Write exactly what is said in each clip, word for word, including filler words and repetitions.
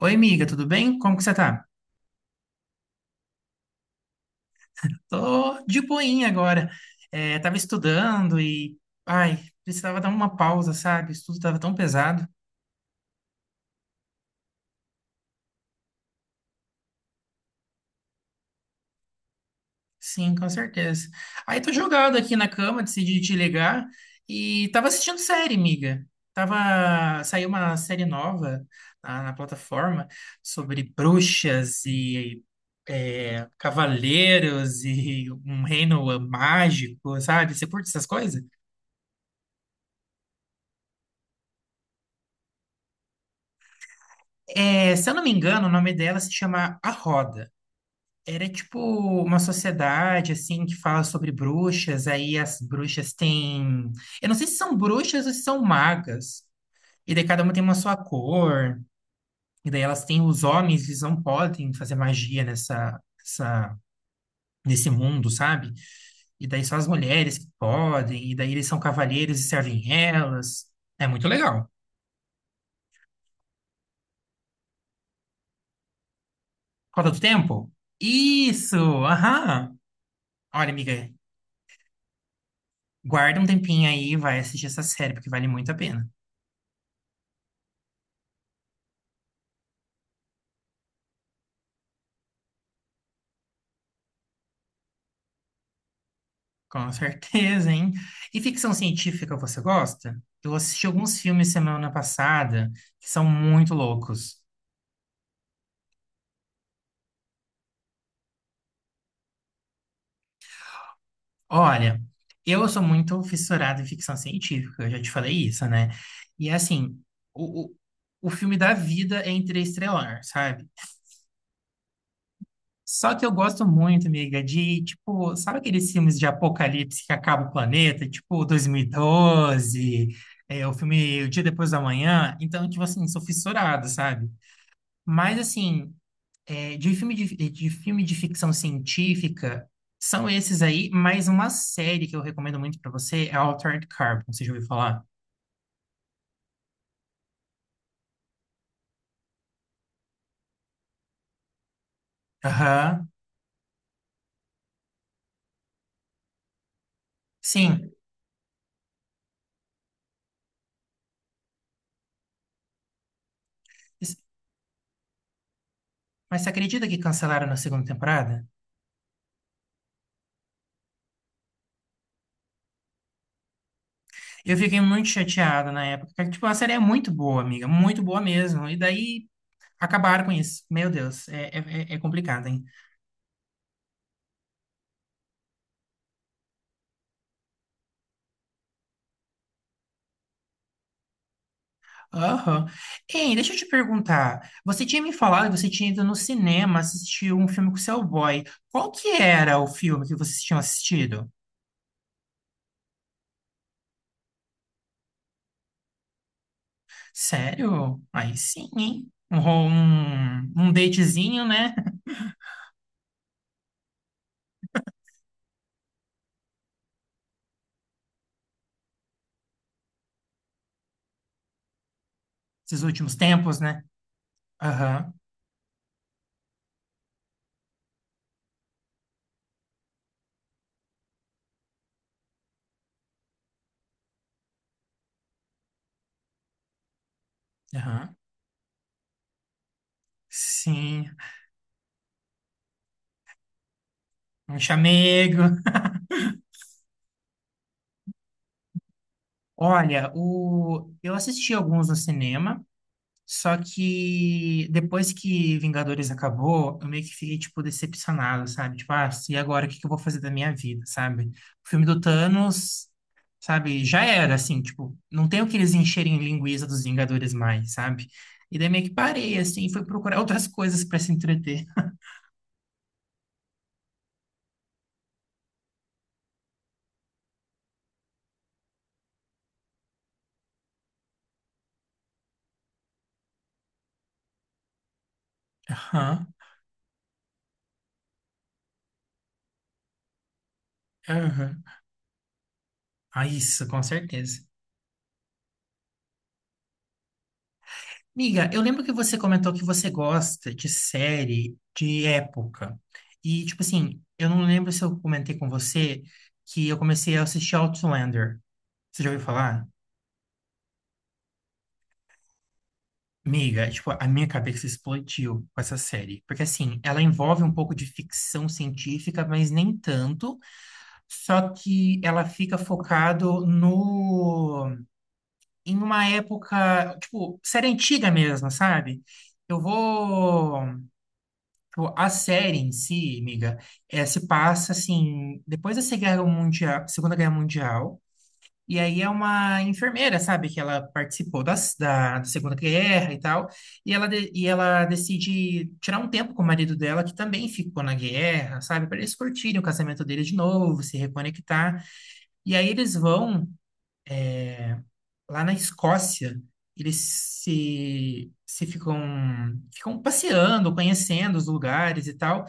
Oi, amiga, tudo bem? Como que você tá? Tô de boinha agora. É, tava estudando e, ai, precisava dar uma pausa, sabe? O estudo tava tão pesado. Sim, com certeza. Aí tô jogado aqui na cama, decidi te ligar e tava assistindo série, amiga. Tava, saiu uma série nova na, na plataforma sobre bruxas e é, cavaleiros e um reino mágico, sabe? Você curte essas coisas? É, se eu não me engano, o nome dela se chama A Roda. Era tipo uma sociedade assim que fala sobre bruxas, aí as bruxas têm, eu não sei se são bruxas ou se são magas. E daí cada uma tem uma sua cor, e daí elas têm os homens, eles não podem fazer magia nessa, essa- nesse mundo, sabe? E daí só as mulheres que podem, e daí eles são cavalheiros e servem elas. É muito legal. Roda do Tempo? Isso, aham. Olha, amiga, guarda um tempinho aí e vai assistir essa série, porque vale muito a pena. Com certeza, hein? E ficção científica você gosta? Eu assisti alguns filmes semana passada que são muito loucos. Olha, eu sou muito fissurado em ficção científica, eu já te falei isso, né? E assim, o, o, o filme da vida é interestelar, sabe? Só que eu gosto muito, amiga, de, tipo, sabe aqueles filmes de apocalipse que acaba o planeta? Tipo, dois mil e doze, é, o filme O Dia Depois da Manhã. Então, tipo assim, sou fissurado, sabe? Mas, assim, é, de filme de, de filme de ficção científica, são esses aí, mas uma série que eu recomendo muito pra você é Altered Carbon, você já ouviu falar? Aham, sim. Mas você acredita que cancelaram na segunda temporada? Eu fiquei muito chateado na época, porque, tipo, a série é muito boa, amiga. Muito boa mesmo. E daí acabaram com isso. Meu Deus, é, é, é- é complicado, hein? Aham. Ei, deixa eu te perguntar. Você tinha me falado que você tinha ido no cinema assistir um filme com o seu boy. Qual que era o filme que vocês tinham assistido? Sério? Aí sim, hein? Um, ro- um, um datezinho, né? Esses últimos tempos, né? Aham, aham. Sim. Um chamego. Olha, o... eu assisti alguns no cinema, só que depois que Vingadores acabou, eu meio que fiquei, tipo, decepcionado, sabe? Tipo, ah, e agora o que que eu vou fazer da minha vida, sabe? O filme do Thanos, sabe? Já era, assim, tipo, não tem o que eles encherem linguiça dos Vingadores mais, sabe? E daí meio que parei, assim, e fui procurar outras coisas para se entreter. Aham, aham. Ah, isso, com certeza. Miga, eu lembro que você comentou que você gosta de série de época. E, tipo assim, eu não lembro se eu comentei com você que eu comecei a assistir Outlander. Você já ouviu falar? Miga, tipo, a minha cabeça explodiu com essa série. Porque, assim, ela envolve um pouco de ficção científica, mas nem tanto. Só que ela fica focado no... em uma época, tipo, série antiga mesmo, sabe? Eu vou. Tipo, a série em si, amiga, é, se passa assim, depois da Segunda Guerra Mundial, Segunda Guerra Mundial, e aí é uma enfermeira, sabe, que ela participou das, da, Segunda Guerra e tal, e ela, de- e ela decide tirar um tempo com o marido dela, que também ficou na guerra, sabe, para eles curtirem o casamento dele de novo, se reconectar, e aí eles vão lá na Escócia, eles se, se ficam, ficam passeando, conhecendo os lugares e tal.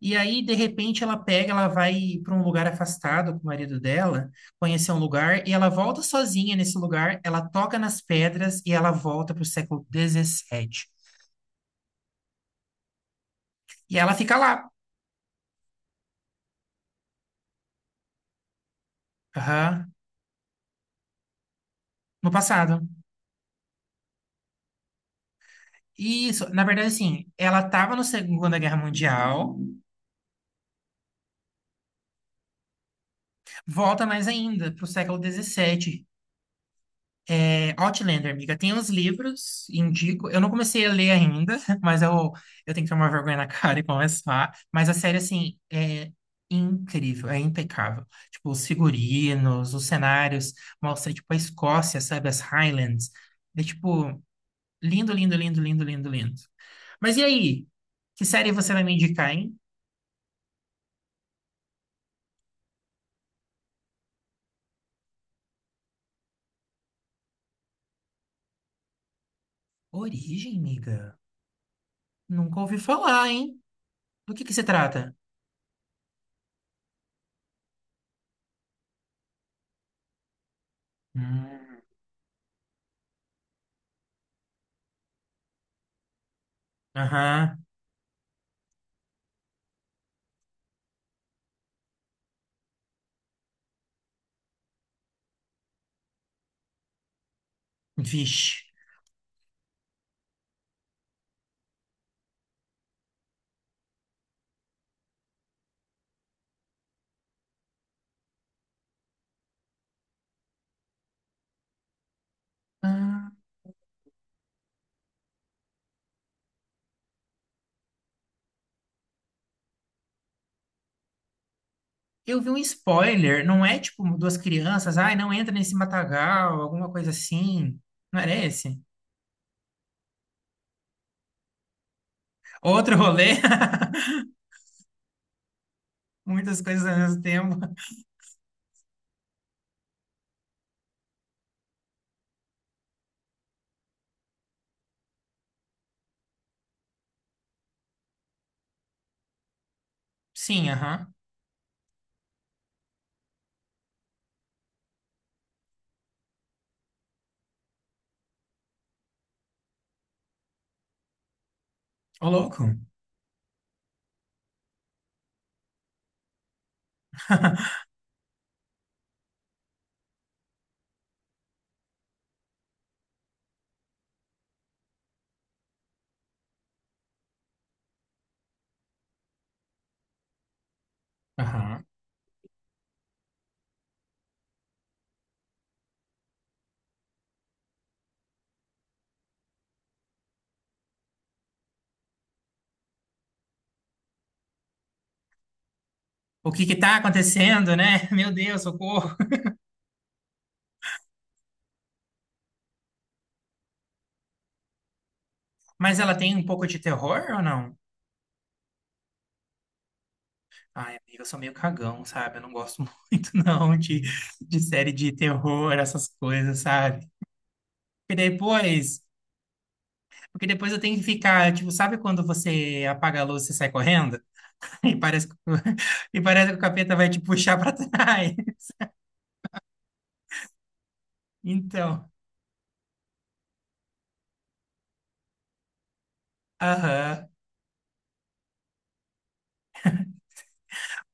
E aí, de repente, ela pega, ela vai para um lugar afastado com o marido dela, conhecer um lugar, e ela volta sozinha nesse lugar, ela toca nas pedras e ela volta para o século dezessete. E ela fica lá, aham, no passado. E isso, na verdade, assim, ela estava na Segunda Guerra Mundial, volta mais ainda para o século dezessete. É, Outlander, amiga, tem os livros, indico. Eu não comecei a ler ainda, mas eu, eu tenho que tomar vergonha na cara e começar. Mas a série, assim, é incrível, é impecável. Tipo, os figurinos, os cenários, mostra, tipo, a Escócia, sabe, as Highlands. É, tipo, lindo, lindo, lindo, lindo, lindo, lindo. Mas e aí? Que série você vai me indicar, hein? Origem, amiga? Nunca ouvi falar, hein? Do que que se trata? Hum. Aham. Vixe. Ah, eu vi um spoiler, não é tipo duas crianças, ai, não entra nesse matagal, alguma coisa assim. Não era esse? Outro rolê? Muitas coisas ao mesmo tempo. Sim, aham. Ô, louco. Aham. O que que tá acontecendo, né? Meu Deus, socorro. Mas ela tem um pouco de terror ou não? Ai, amiga, eu sou meio cagão, sabe? Eu não gosto muito, não, de, de série de terror, essas coisas, sabe? Porque depois, porque depois eu tenho que ficar, tipo, sabe quando você apaga a luz e sai correndo? E parece que, e parece que o capeta vai te puxar pra trás. Então, aham,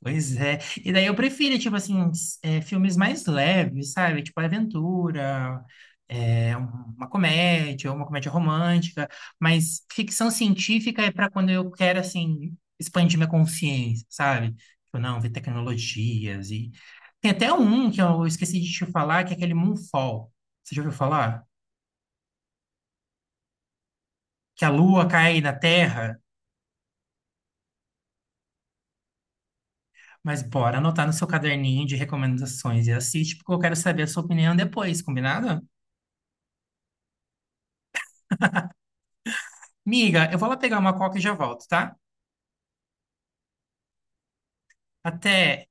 pois é. E daí eu prefiro, tipo assim, s- é, filmes mais leves, sabe? Tipo aventura, é, um- uma comédia, uma comédia romântica. Mas ficção científica é pra quando eu quero, assim, expandir minha consciência, sabe? Tipo, não, ver tecnologias e... Tem até um que eu esqueci de te falar, que é aquele Moonfall. Você já ouviu falar? Que a lua cai na Terra. Mas bora anotar no seu caderninho de recomendações e assiste, porque eu quero saber a sua opinião depois, combinado? Miga, eu vou lá pegar uma coca e já volto, tá? Até!